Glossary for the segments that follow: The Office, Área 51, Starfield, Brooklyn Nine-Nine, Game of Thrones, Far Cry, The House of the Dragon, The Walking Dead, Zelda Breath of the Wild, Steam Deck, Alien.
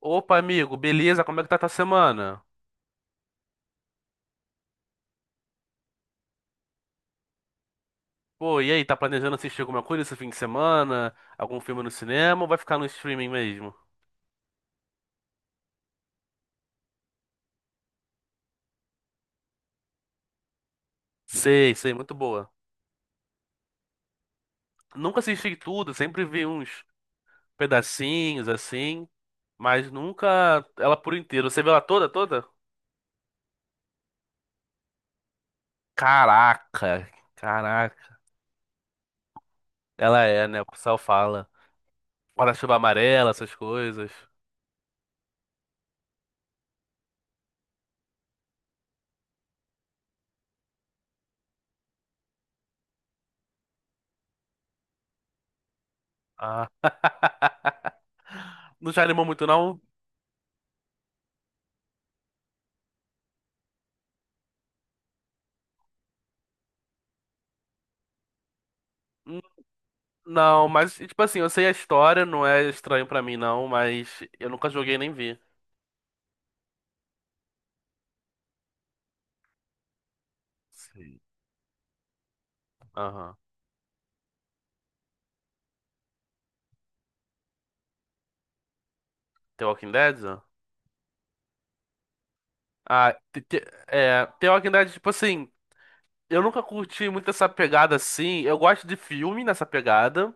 Opa, amigo, beleza? Como é que tá tua semana? Pô, e aí, tá planejando assistir alguma coisa esse fim de semana? Algum filme no cinema ou vai ficar no streaming mesmo? Sei, sei, muito boa. Nunca assisti tudo, sempre vi uns pedacinhos assim, mas nunca ela por inteiro. Você viu ela toda, toda? Caraca, caraca. Ela é, né? O pessoal fala. Guarda-chuva amarela, essas coisas. Ah. Não te animou muito, não? Não, mas, tipo assim, eu sei a história, não é estranho pra mim, não, mas eu nunca joguei nem vi. Sim. Aham. The Walking Dead? Ah, é, The Walking Dead, tipo assim, eu nunca curti muito essa pegada assim. Eu gosto de filme nessa pegada.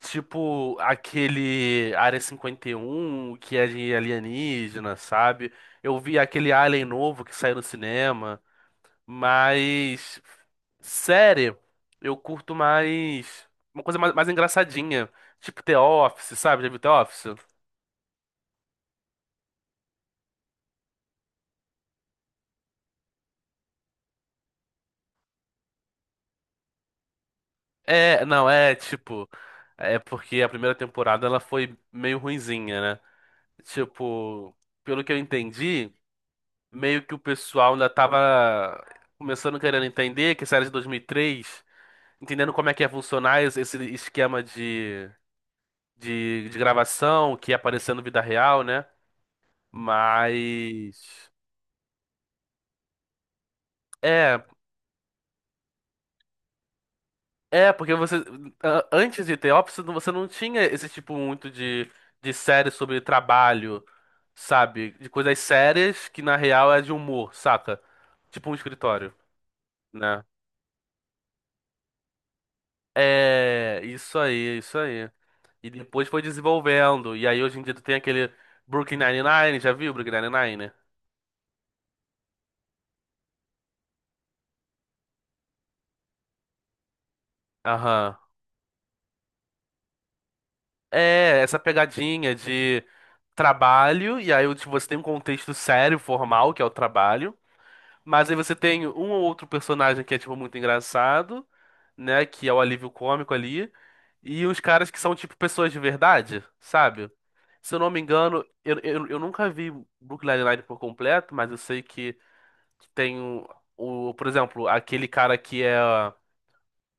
Tipo, aquele Área 51, que é de alienígena, sabe? Eu vi aquele Alien novo que saiu no cinema. Mas série, eu curto mais uma coisa mais, mais engraçadinha, tipo The Office, sabe? Já viu The Office? É, não, é tipo, é porque a primeira temporada ela foi meio ruinzinha, né? Tipo, pelo que eu entendi, meio que o pessoal ainda tava começando querendo entender que a série de 2003, entendendo como é que ia funcionar esse esquema de gravação que ia aparecendo na vida real, né? Mas é, é, porque você. Antes de The Office, você não tinha esse tipo muito de série sobre trabalho, sabe? De coisas sérias que na real é de humor, saca? Tipo um escritório, né? É, isso aí, isso aí. E depois foi desenvolvendo. E aí hoje em dia tu tem aquele Brooklyn Nine-Nine, já viu Brooklyn Nine-Nine? Aham. É, essa pegadinha de trabalho, e aí tipo, você tem um contexto sério, formal, que é o trabalho. Mas aí você tem um ou outro personagem que é, tipo, muito engraçado, né? Que é o alívio cômico ali. E os caras que são, tipo, pessoas de verdade, sabe? Se eu não me engano, eu nunca vi Brooklyn Nine-Nine por completo, mas eu sei que tem o, por exemplo, aquele cara que é.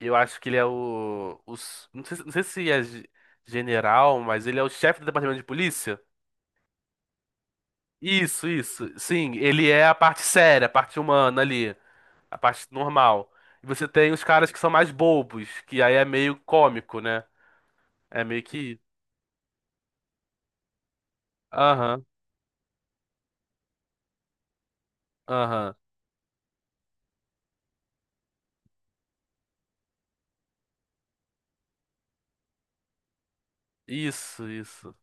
Eu acho que ele é o. Os, não sei, não sei se é general, mas ele é o chefe do departamento de polícia. Isso, isso. Sim, ele é a parte séria, a parte humana ali. A parte normal. E você tem os caras que são mais bobos, que aí é meio cômico, né? É meio que. Aham, aham. Isso, isso.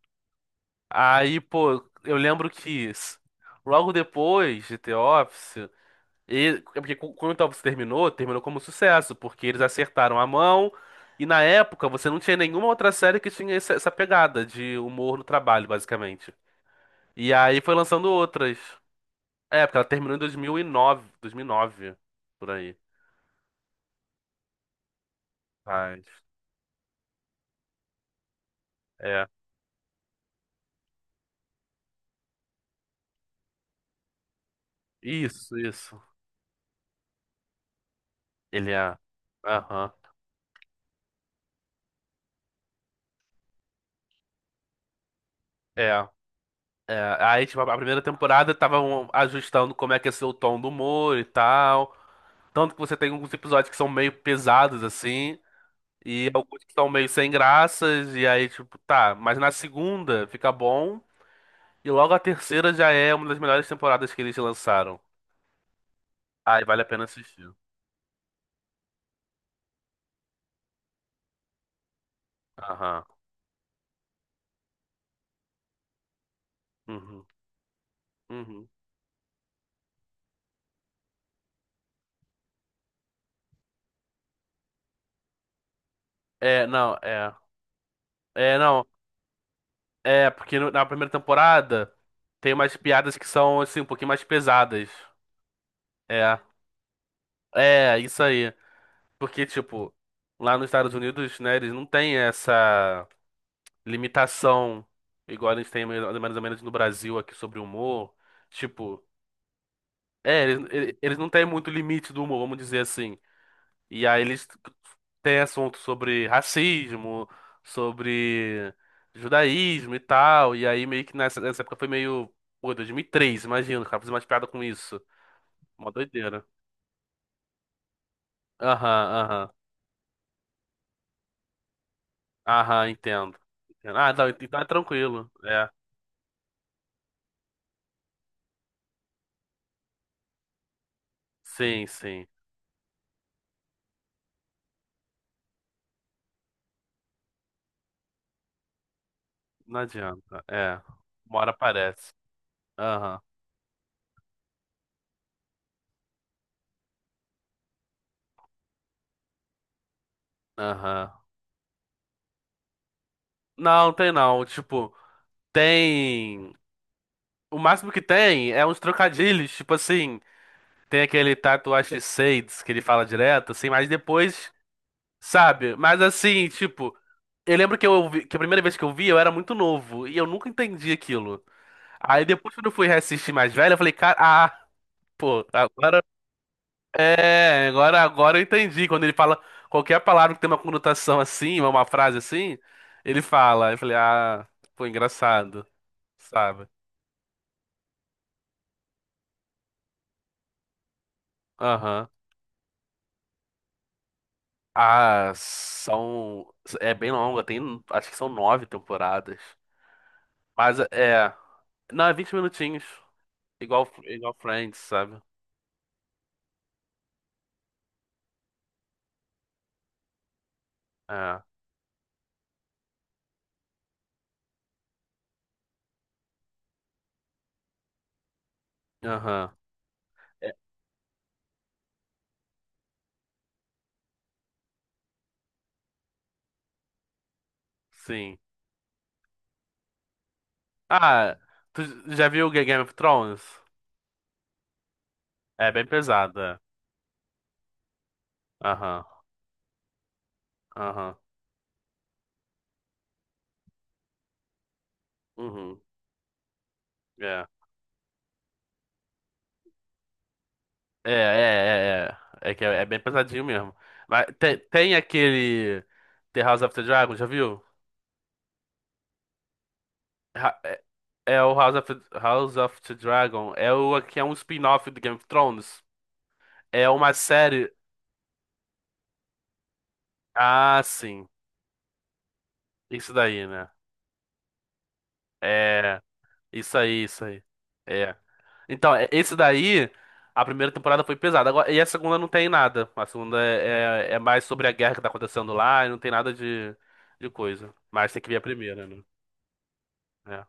Aí, pô, eu lembro que logo depois de The Office, ele é porque quando o The Office terminou, terminou como sucesso, porque eles acertaram a mão. E na época você não tinha nenhuma outra série que tinha essa pegada de humor no trabalho, basicamente. E aí foi lançando outras. É, porque ela terminou em 2009, por aí. Faz. É. Isso, isso. Ele é. Aham. É. É. Aí, tipo, a primeira temporada estavam ajustando como é que ia ser o tom do humor e tal. Tanto que você tem alguns episódios que são meio pesados, assim, e alguns que são meio sem graças, e aí, tipo, tá. Mas na segunda fica bom, e logo a terceira já é uma das melhores temporadas que eles lançaram. Aí vale a pena assistir. Aham. Uhum. Uhum. É, não, é. É, não. É, porque na primeira temporada tem umas piadas que são, assim, um pouquinho mais pesadas. É, é, isso aí. Porque, tipo, lá nos Estados Unidos, né, eles não têm essa limitação igual a gente tem mais ou menos no Brasil aqui sobre o humor. Tipo, é, eles não têm muito limite do humor, vamos dizer assim. E aí eles têm assunto sobre racismo, sobre judaísmo e tal. E aí meio que nessa época foi meio. Pô, 2003, imagina, o cara fazer mais piada com isso. Uma doideira. Aham, aham. Aham, entendo. Entendo. Ah, não, então é tranquilo. É. Sim, sim. Não adianta. É. Uma hora aparece. Aham, aham. Não, tem não. Tipo, tem. O máximo que tem é uns trocadilhos, tipo assim. Tem aquele Tatuagem de Shades que ele fala direto, assim, mas depois, sabe? Mas assim, tipo, eu lembro que eu que a primeira vez que eu vi, eu era muito novo e eu nunca entendi aquilo. Aí depois, quando eu fui reassistir mais velho, eu falei, cara, ah, pô, agora é, agora, agora eu entendi. Quando ele fala qualquer palavra que tem uma conotação assim, uma frase assim, ele fala. Eu falei, ah, pô, engraçado, sabe? Aham. Ah, são. É bem longa, tem. Acho que são nove temporadas. Mas é. Não, é 20 minutinhos. Igual, igual Friends, sabe? É. Aham. É, sim. Ah, tu já viu Game of Thrones? É bem pesada. Aham. Aham. Uhum. É. É, é, é, é. É que é, é bem pesadinho mesmo. Mas tem, tem aquele The House of the Dragon, já viu? Ha- É, é o House of the Dragon. É o que é um spin-off do Game of Thrones. É uma série. Ah, sim. Isso daí, né? É, isso aí, isso aí. É. Então, é- esse daí, a primeira temporada foi pesada. Agora, e a segunda não tem nada. A segunda é, é, é mais sobre a guerra que tá acontecendo lá e não tem nada de, de coisa. Mas tem que ver a primeira, né? É.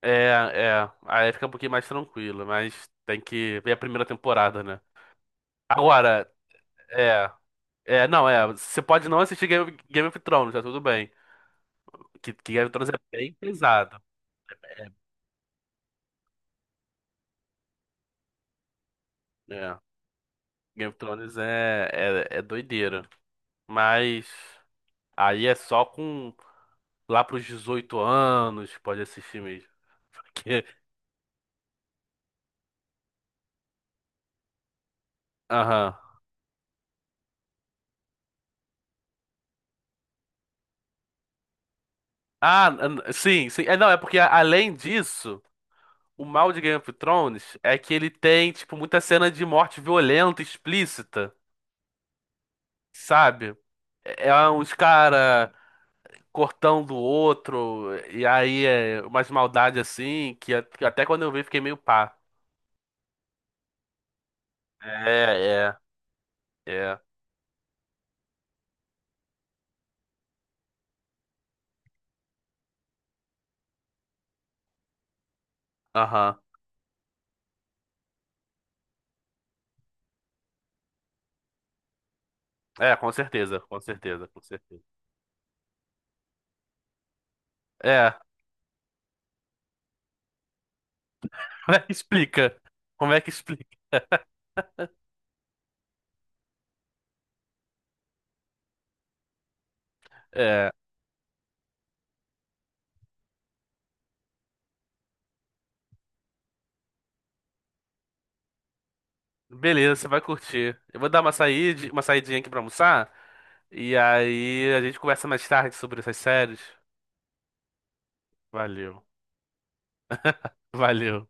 É, é. Aí fica um pouquinho mais tranquilo, mas tem que ver a primeira temporada, né? Agora, é. É, não, é. Você pode não assistir Game, Game of Thrones, tá tudo bem. Que Game of Thrones é bem pesado. É. Game of Thrones é, é, é doideira. Mas aí é só com lá pros 18 anos que pode assistir mesmo. Porque, aham. Ah, sim, sim. É, não, é porque além disso, o mal de Game of Thrones é que ele tem, tipo, muita cena de morte violenta, explícita, sabe? É é uns cara cortando o outro, e aí é umas maldades assim, que que até quando eu vi fiquei meio pá. É, é, é. Aham. É, com certeza, com certeza, com certeza. É. Como é que explica? Como é que explica? É, beleza, você vai curtir. Eu vou dar uma saída, uma saidinha aqui pra almoçar. E aí a gente conversa mais tarde sobre essas séries. Valeu. Valeu.